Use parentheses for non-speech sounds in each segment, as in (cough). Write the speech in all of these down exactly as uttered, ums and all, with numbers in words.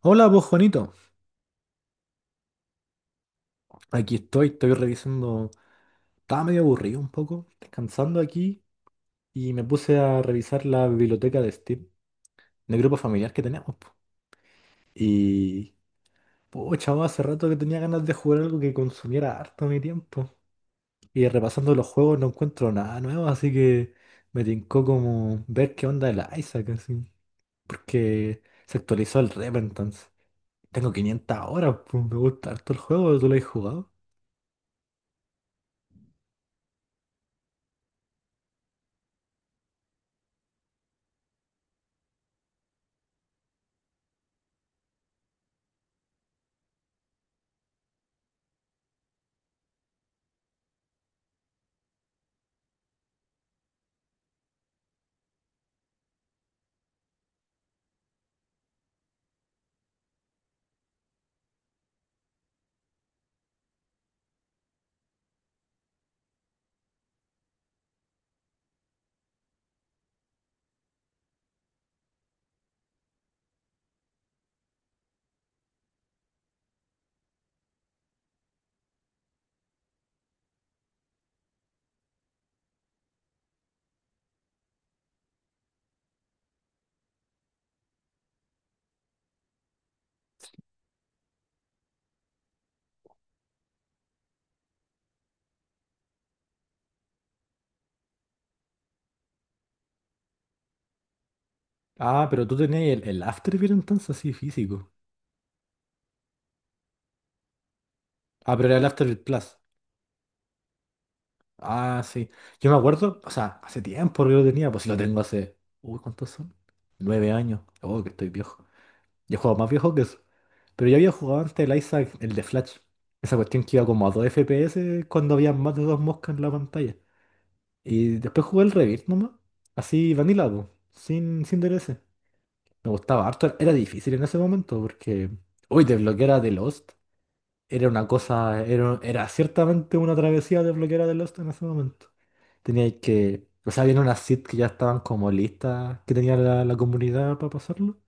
Hola, vos Juanito. Aquí estoy, estoy revisando. Estaba medio aburrido un poco, descansando aquí y me puse a revisar la biblioteca de Steam, del grupo familiar que teníamos, po. Y, pues, chavo, hace rato que tenía ganas de jugar algo que consumiera harto mi tiempo. Y repasando los juegos no encuentro nada nuevo, así que me tincó como ver qué onda el Isaac, así. Porque se actualizó el Repentance. Tengo quinientas horas, pues me gusta harto el juego, ¿tú lo has jugado? Ah, pero tú tenías el, el Afterbeat entonces, así físico. Ah, pero era el Afterbeat Plus. Ah, sí. Yo me acuerdo, o sea, hace tiempo que lo tenía, pues si lo tengo hace. Uy, ¿cuántos son? Nueve años. Oh, que estoy viejo. Yo he jugado más viejo que eso. Pero yo había jugado antes el Isaac, el de Flash. Esa cuestión que iba como a dos F P S cuando había más de dos moscas en la pantalla. Y después jugué el Rebirth nomás. Así, vanilla, po. Sin, sin D L C. Me gustaba harto. Era difícil en ese momento porque, uy, desbloquear a The Lost. Era una cosa, era, era ciertamente una travesía de bloquear de Lost en ese momento. Tenía que, o sea, había unas seeds que ya estaban como listas, que tenía la, la comunidad para pasarlo.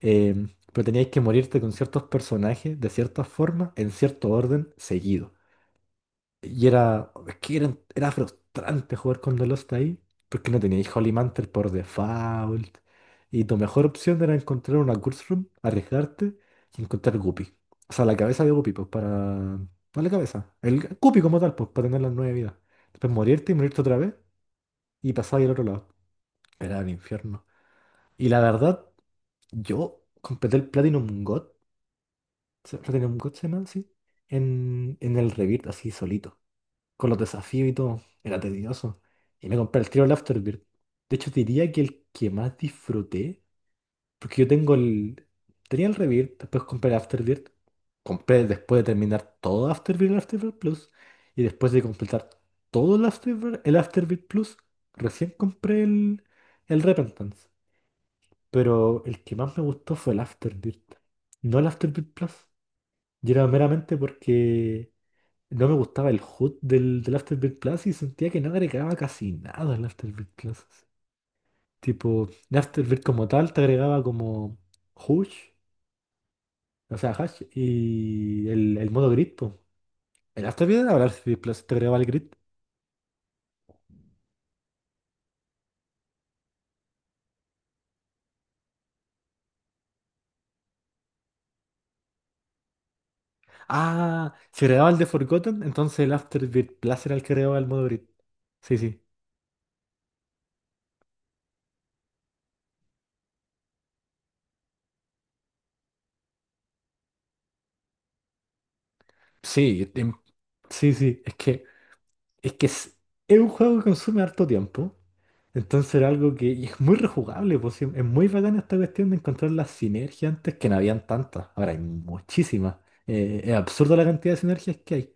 em, pero teníais que morirte con ciertos personajes de ciertas formas, en cierto orden, seguido. Y era, es que era, era frustrante jugar con The Lost ahí, porque no teníais Holy Mantle por default. Y tu mejor opción era encontrar una Curse Room, arriesgarte y encontrar Guppy. O sea, la cabeza de Guppy, pues para. No la cabeza, el Guppy como tal, pues para tener las nueve vidas. Después morirte y morirte otra vez y pasar al otro lado. Era el infierno. Y la verdad, yo completé el Platinum God, se- Platinum God se llama así, en, en el Rebirth, así solito, con los desafíos y todo. Era tedioso. Y me compré el tiro el Afterbirth. De hecho, diría que el que más disfruté, porque yo tengo el. Tenía el Rebirth, después compré el Afterbirth. Compré después de terminar todo Afterbirth, el Afterbirth Plus. Y después de completar todo el Afterbirth, el Afterbirth Plus, recién compré el, el Repentance. Pero el que más me gustó fue el Afterbirth, no el Afterbirth Plus. Y era meramente porque no me gustaba el H U D del, del Afterbirth Plus y sentía que no agregaba casi nada al Afterbirth Plus. Tipo, el Afterbirth como tal te agregaba como Hush, o sea, Hash y el, el modo Grid, po. El Afterbirth era el Afterbirth Plus, te agregaba el Grid. Ah, si agregaba el de Forgotten, entonces el Afterbirth Plus era el que agregaba el modo Grid. Sí, sí. Sí, em- sí, sí, es que Es que es, es un juego que consume harto tiempo. Entonces era algo que y es muy rejugable, pues, sí, es muy bacana esta cuestión de encontrar las sinergias antes que no habían tantas. Ahora hay muchísimas. Eh, es absurdo la cantidad de sinergias que hay.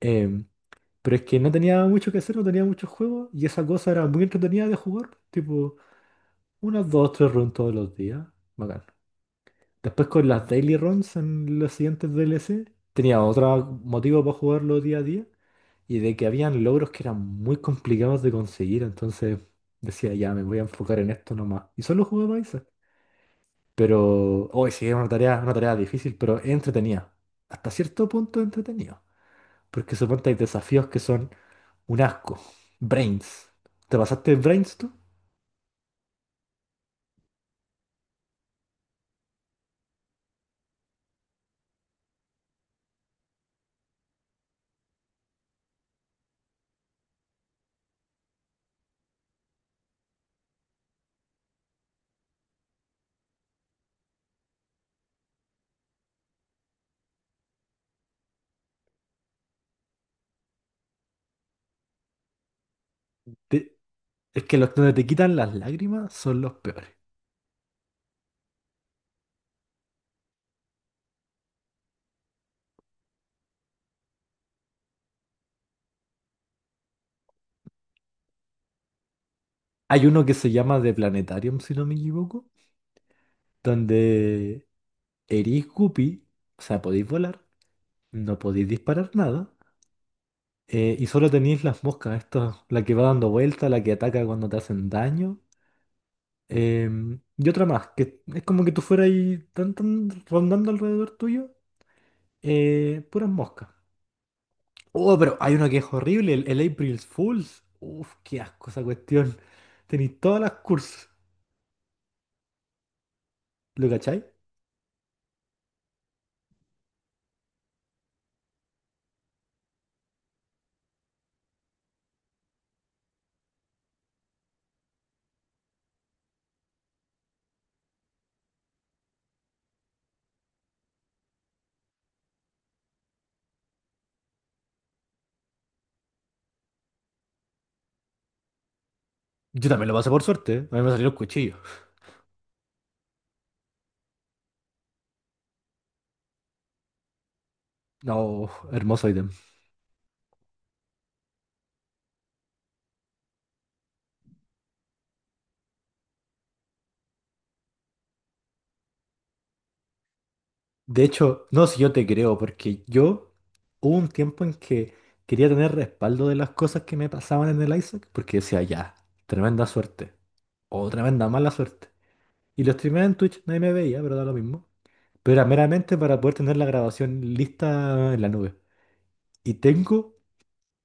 Em, pero es que no tenía mucho que hacer, no tenía muchos juegos y esa cosa era muy entretenida de jugar. Tipo, unas dos, tres runs todos los días. Bacán. Después con las daily runs en los siguientes D L C, tenía otro motivo para jugarlo día a día y de que habían logros que eran muy complicados de conseguir, entonces decía, ya me voy a enfocar en esto nomás. Y solo jugaba esa. Pero hoy sí, es una tarea, una tarea difícil, pero entretenida. Hasta cierto punto entretenido. Porque suponte hay desafíos que son un asco. Brains. ¿Te pasaste Brains tú? Te- es que los donde te quitan las lágrimas son los peores. Hay uno que se llama The Planetarium, si no me equivoco, donde erís Guppy, o sea, podéis volar, no podéis disparar nada. Eh, y solo tenéis las moscas, esta, la que va dando vuelta, la que ataca cuando te hacen daño. Em, y otra más, que es como que tú fueras ahí tan, tan, rondando alrededor tuyo, eh, puras moscas. Oh, pero hay una que es horrible, el, el April Fools. Uf, qué asco esa cuestión. Tenéis todas las cursos, ¿lo cachai? Yo también lo pasé por suerte, ¿eh? A mí me salieron cuchillos. No, hermoso ítem. De hecho, no, si yo te creo, porque yo hubo un tiempo en que quería tener respaldo de las cosas que me pasaban en el Isaac, porque decía, ya, tremenda suerte, o tremenda mala suerte. Y lo streameaba en Twitch, nadie me veía, pero da lo mismo. Pero era meramente para poder tener la grabación lista en la nube. Y tengo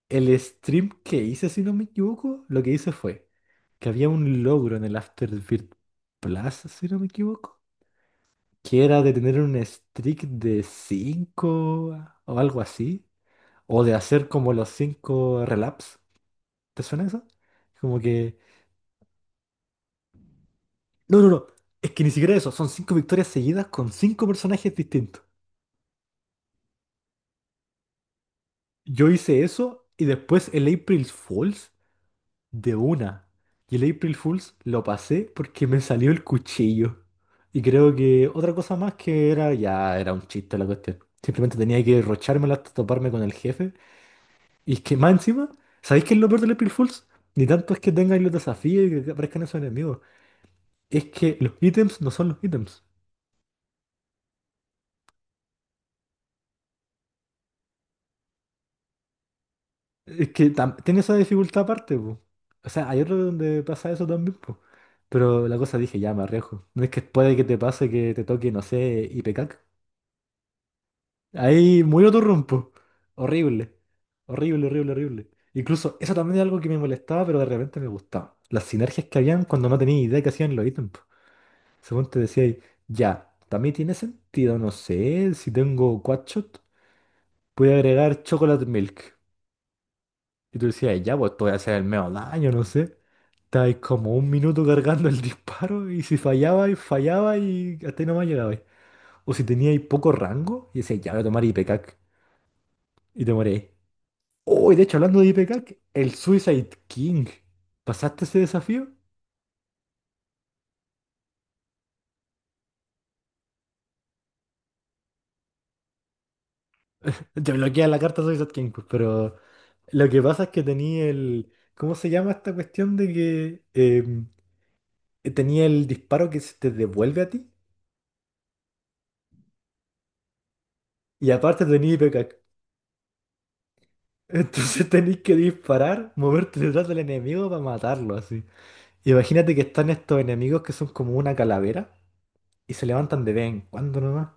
el stream que hice, si no me equivoco, lo que hice fue que había un logro en el Afterbirth Plus, si no me equivoco, que era de tener un streak de cinco o algo así, o de hacer como los cinco relaps. ¿Te suena eso? Como que, no, no, no, es que ni siquiera eso, son cinco victorias seguidas con cinco personajes distintos. Yo hice eso y después el April Fools de una. Y el April Fools lo pasé porque me salió el cuchillo. Y creo que otra cosa más que era, ya era un chiste la cuestión. Simplemente tenía que derrochármela hasta toparme con el jefe. Y es que más encima, ¿sabéis qué es lo peor del April Fools? Ni tanto es que tengáis los desafíos y que aparezcan esos enemigos. Es que los ítems no son los ítems. Es que tam- tiene esa dificultad aparte, po. O sea, hay otro donde pasa eso también, po. Pero la cosa dije, ya me arriesgo. No es que puede que te pase que te toque, no sé, Ipecac. Ahí muy otro rompo. Horrible. Horrible, horrible, horrible. Incluso eso también es algo que me molestaba, pero de repente me gustaba. Las sinergias que habían cuando no tenía idea que hacían los ítems. Según te decía, ahí, ya, también tiene sentido, no sé, si tengo quadshot, voy a agregar chocolate milk. Y tú decías, ya, pues te voy a hacer el medio daño, no sé. Estabas como un minuto cargando el (laughs) disparo y si fallaba y fallaba y hasta ahí nomás llegabais. O si teníais poco rango y decías, ya voy a tomar I P C A C y te moréis. Oh, y de hecho, hablando de I P C A C, el Suicide King. ¿Pasaste ese desafío? Te bloquea la carta Suicide King, pues, pero lo que pasa es que tenía el. ¿Cómo se llama esta cuestión de que em, tenía el disparo que se te devuelve a ti? Y aparte tenía I P K. (laughs) Entonces tenéis que disparar, moverte detrás del enemigo para matarlo así. Imagínate que están estos enemigos que son como una calavera y se levantan de vez en cuando nomás.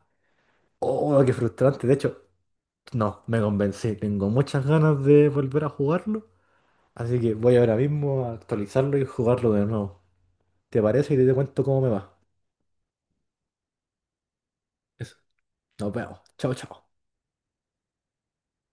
Oh, qué frustrante. De hecho, no, me convencí. Tengo muchas ganas de volver a jugarlo. Así que voy ahora mismo a actualizarlo y jugarlo de nuevo. ¿Te parece? Y te cuento cómo me va. Eso. Nos vemos. Chao, chao.